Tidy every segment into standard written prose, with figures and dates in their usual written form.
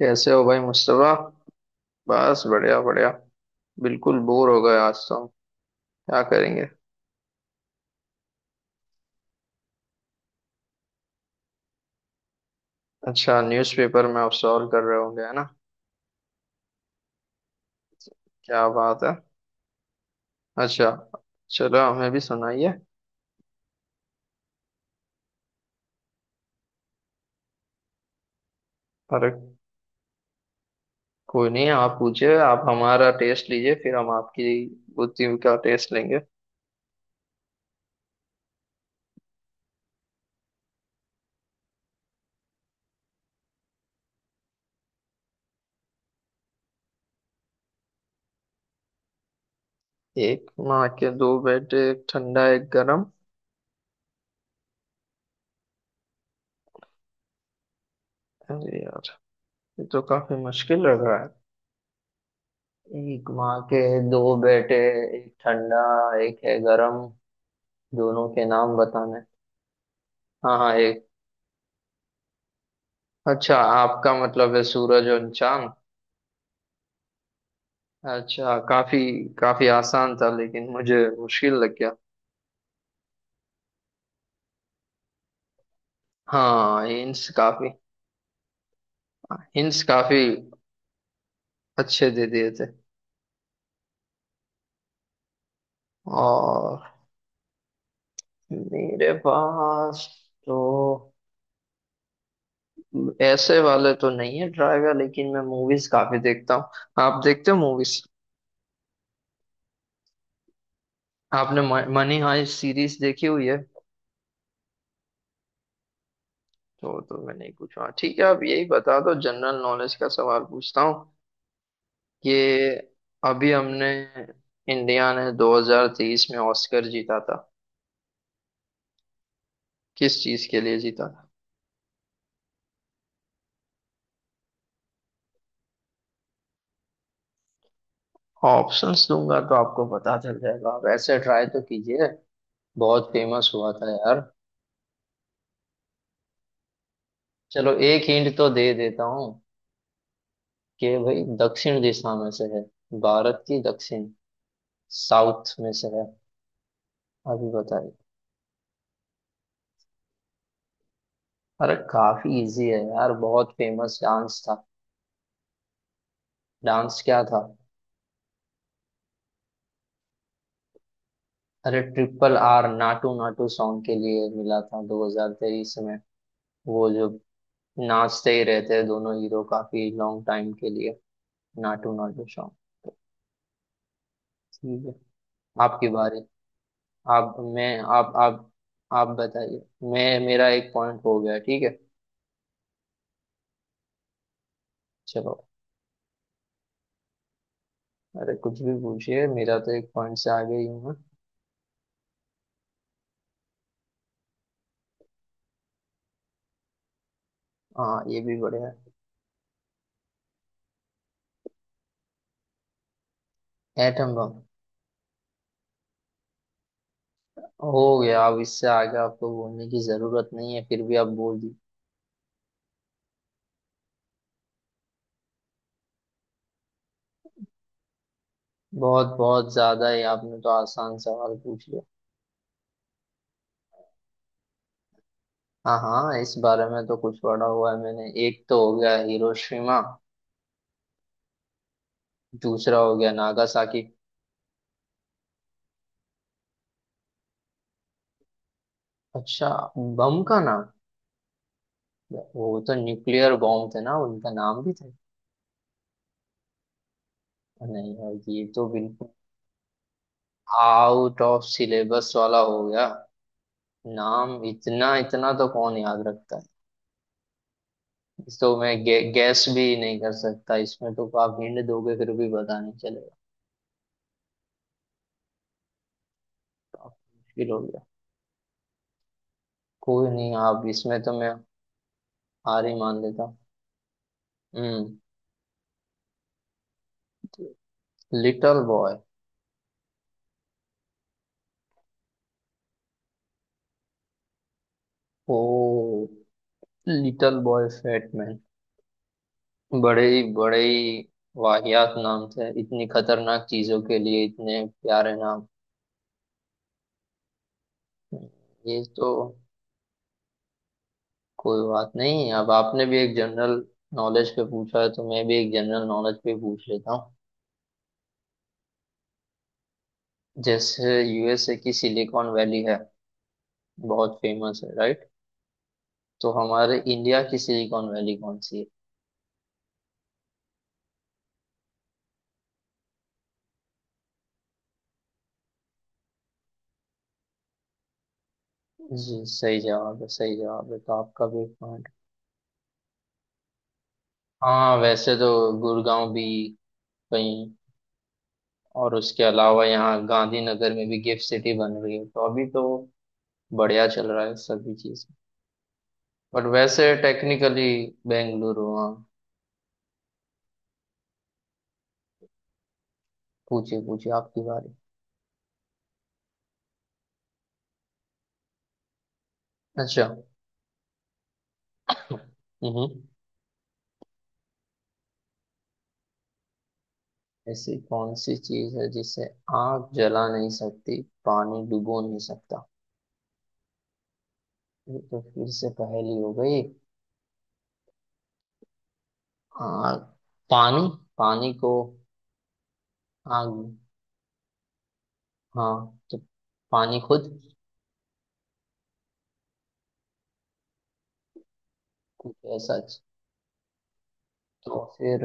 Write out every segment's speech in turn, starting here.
कैसे हो भाई मुस्तफा। बस बढ़िया बढ़िया। बिल्कुल बोर हो गए आज तो हम क्या करेंगे। अच्छा, न्यूज़पेपर में आप सॉल्व कर रहे होंगे है ना। क्या बात है। अच्छा। चलो हमें भी सुनाइए। अरे, कोई नहीं, आप पूछिए, आप हमारा टेस्ट लीजिए फिर हम आपकी बुद्धि का टेस्ट लेंगे। एक माँ के दो बेटे, एक ठंडा एक गरम। अरे यार, ये तो काफी मुश्किल लग रहा है। एक माँ के दो बेटे, एक ठंडा एक है गरम, दोनों के नाम बताने। हाँ हाँ एक। अच्छा, आपका मतलब है सूरज और चांद। अच्छा, काफी काफी आसान था लेकिन मुझे मुश्किल लग गया। हाँ, हिंट्स काफी। हिंट्स काफी अच्छे दे दिए थे। और मेरे पास तो ऐसे वाले तो नहीं है ड्राइवर, लेकिन मैं मूवीज काफी देखता हूँ। आप देखते हो मूवीज? आपने मनी हाइस्ट सीरीज देखी हुई है? तो मैंने पूछा, ठीक है आप यही बता दो, जनरल नॉलेज का सवाल पूछता हूँ। ये अभी हमने, इंडिया ने 2023 में ऑस्कर जीता था, किस चीज के लिए जीता था? ऑप्शंस दूंगा तो आपको पता चल जाएगा, आप ऐसे ट्राई तो कीजिए। बहुत फेमस हुआ था यार। चलो एक हिंट तो दे देता हूँ, कि भाई दक्षिण दिशा में से है, भारत की दक्षिण, साउथ में से है। अभी बताइए। अरे काफी इजी है यार, बहुत फेमस डांस था। डांस क्या था? अरे triple R Naatu Naatu song के लिए मिला था 2023 में। वो जो नाचते ही रहते हैं दोनों हीरो काफी लॉन्ग टाइम के लिए, नाटू नाटू सॉन्ग। तो ठीक है, आपकी बारी। आप मैं आप आप आप बताइए। मैं मेरा एक पॉइंट हो गया, ठीक है। चलो। अरे कुछ भी पूछिए, मेरा तो एक पॉइंट से आगे ही हूँ मैं। हाँ, ये भी बढ़िया है। Atom bomb. हो गया, अब इससे आगे आपको बोलने की जरूरत नहीं है, फिर भी आप बोल दी। बहुत बहुत ज्यादा ही आपने तो आसान सवाल पूछ लिया। हाँ हाँ, इस बारे में तो कुछ पढ़ा हुआ है मैंने। एक तो हो गया हिरोशिमा, दूसरा हो गया नागासाकी। अच्छा, बम का नाम। वो तो न्यूक्लियर बॉम्ब थे ना, उनका नाम भी थे। नहीं यार, ये तो बिल्कुल आउट ऑफ सिलेबस वाला हो गया। नाम इतना इतना तो कौन याद रखता है। तो मैं गैस भी नहीं कर सकता इसमें, तो आप हिंट दोगे फिर भी पता नहीं चलेगा। काफी मुश्किल हो गया। कोई नहीं, आप इसमें तो मैं हार ही मान लेता हूँ। हम्म। Little boy. Oh, little boy fat man. बड़े ही वाहियात नाम थे, इतनी खतरनाक चीजों के लिए इतने प्यारे नाम। ये तो। कोई बात नहीं, अब आपने भी एक जनरल नॉलेज पे पूछा है तो मैं भी एक जनरल नॉलेज पे पूछ लेता हूँ। जैसे यूएसए की सिलिकॉन वैली है, बहुत फेमस है, राइट? तो हमारे इंडिया की सिलिकॉन वैली कौन सी है? जी, सही जवाब है, सही जवाब है, तो आपका भी। हाँ वैसे तो गुड़गांव भी कहीं। और उसके अलावा यहाँ गांधीनगर में भी गिफ्ट सिटी बन रही है, तो अभी तो बढ़िया चल रहा है सभी चीज। बट वैसे टेक्निकली बेंगलुरु, हाँ। पूछिए पूछिए, आपकी बारी। अच्छा। हम्म। ऐसी कौन सी चीज है जिसे आग जला नहीं सकती, पानी डुबो नहीं सकता? ये तो फिर से पहेली हो गई। आग, पानी, पानी को आग। हाँ तो पानी खुद कुछ ऐसा। अच्छा। तो फिर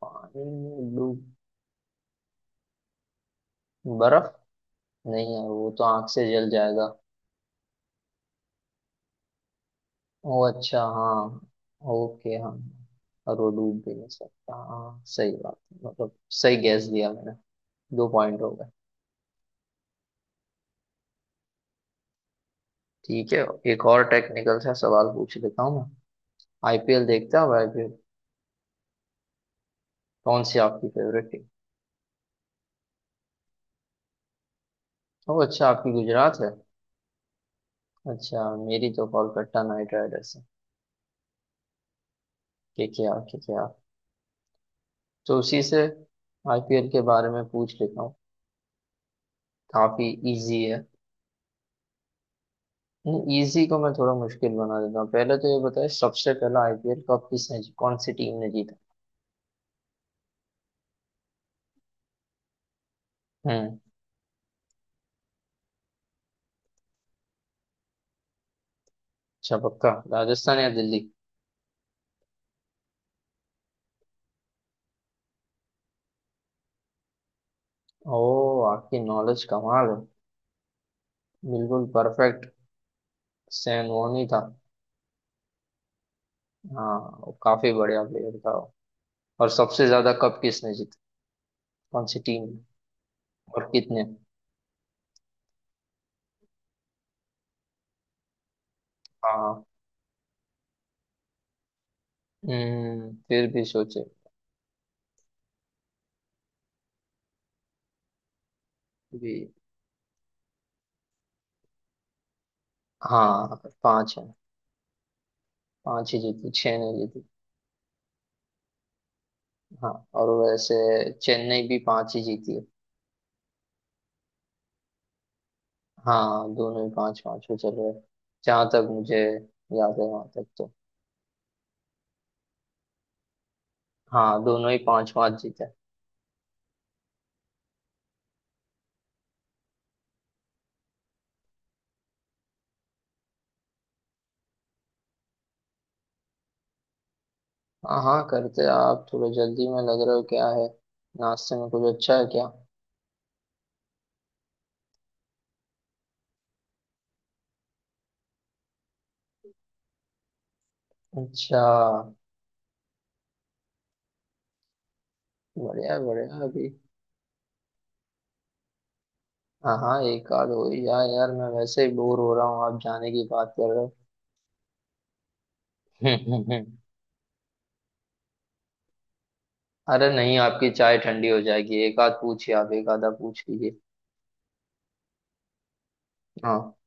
पानी में डूब। बर्फ। नहीं यार, वो तो आंख से जल जाएगा। ओ अच्छा, हाँ, ओके, हाँ। और वो डूब भी नहीं सकता, हाँ सही बात है मतलब। सही गैस दिया मैंने, दो पॉइंट हो गए। ठीक है, एक और टेक्निकल सा सवाल पूछ लेता हूँ मैं। आईपीएल देखते हो? आईपीएल? कौन सी आपकी फेवरेट टीम? ओ अच्छा, आपकी गुजरात है। अच्छा, मेरी तो कोलकाता नाइट राइडर्स है। के आर, के आर। तो उसी से आईपीएल के बारे में पूछ लेता हूँ। काफी इजी है। इजी को मैं थोड़ा मुश्किल बना देता हूँ, पहले तो ये बताए सबसे पहला आईपीएल कप किसने कौन सी टीम ने जीता? हम्म। अच्छा, पक्का राजस्थान या दिल्ली? ओ, आपकी नॉलेज कमाल है, बिल्कुल परफेक्ट। सैन वोनी था। हाँ, वो काफी बढ़िया प्लेयर था वो। और सबसे ज्यादा कप किसने जीता? कौन सी टीम ने? और कितने? हाँ, फिर भी सोचे। भी। हाँ, पांच है। पांच ही जीती, छह नहीं जीती। हाँ, और वैसे चेन्नई भी पांच ही जीती है। हाँ, दोनों ही पांच पांच पे चल रहे हैं, जहां तक मुझे याद है वहां तक तो। हाँ, दोनों ही पांच पांच जीते हैं। हाँ हाँ करते हैं। आप थोड़ा जल्दी में लग रहे हो, क्या है नाश्ते में कुछ अच्छा है क्या? अच्छा, बढ़िया बढ़िया अभी। हाँ हाँ, एक आध हो ही जाए यार, मैं वैसे ही बोर हो रहा हूँ, आप जाने की बात कर रहे हो। अरे नहीं, आपकी चाय ठंडी हो जाएगी, एक आध पूछिए, आप एक आधा पूछ लीजिए। हाँ।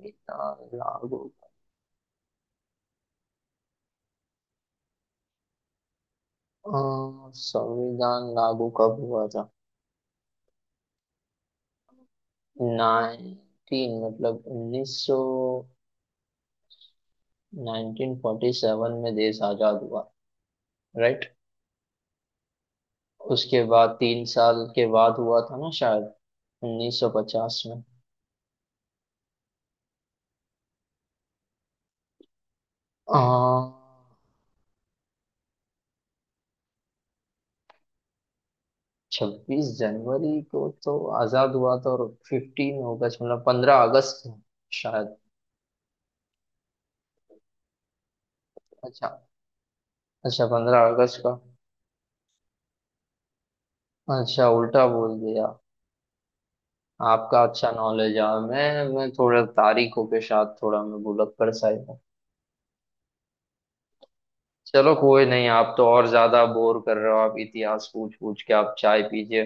मीना लागो। संविधान लागू कब हुआ था? नाइनटीन मतलब उन्नीस सौ, 1947 में देश आजाद हुआ, राइट? उसके बाद 3 साल के बाद हुआ था ना शायद, 1950 में। 26 जनवरी को तो आजाद हुआ था, और 15 अगस्त मतलब 15 अगस्त को शायद। अच्छा, अच्छा, 15 अगस्त का। अच्छा, उल्टा बोल दिया। आपका अच्छा नॉलेज है। मैं थोड़ा तारीखों के साथ थोड़ा मैं भुलक कर सा ही हूँ। चलो कोई नहीं, आप तो और ज्यादा बोर कर रहे हो आप इतिहास पूछ पूछ के, आप चाय पीजिए,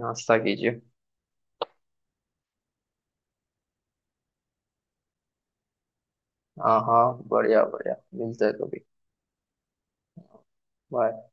नाश्ता कीजिए। हाँ हाँ बढ़िया बढ़िया, मिलते हैं कभी, बाय।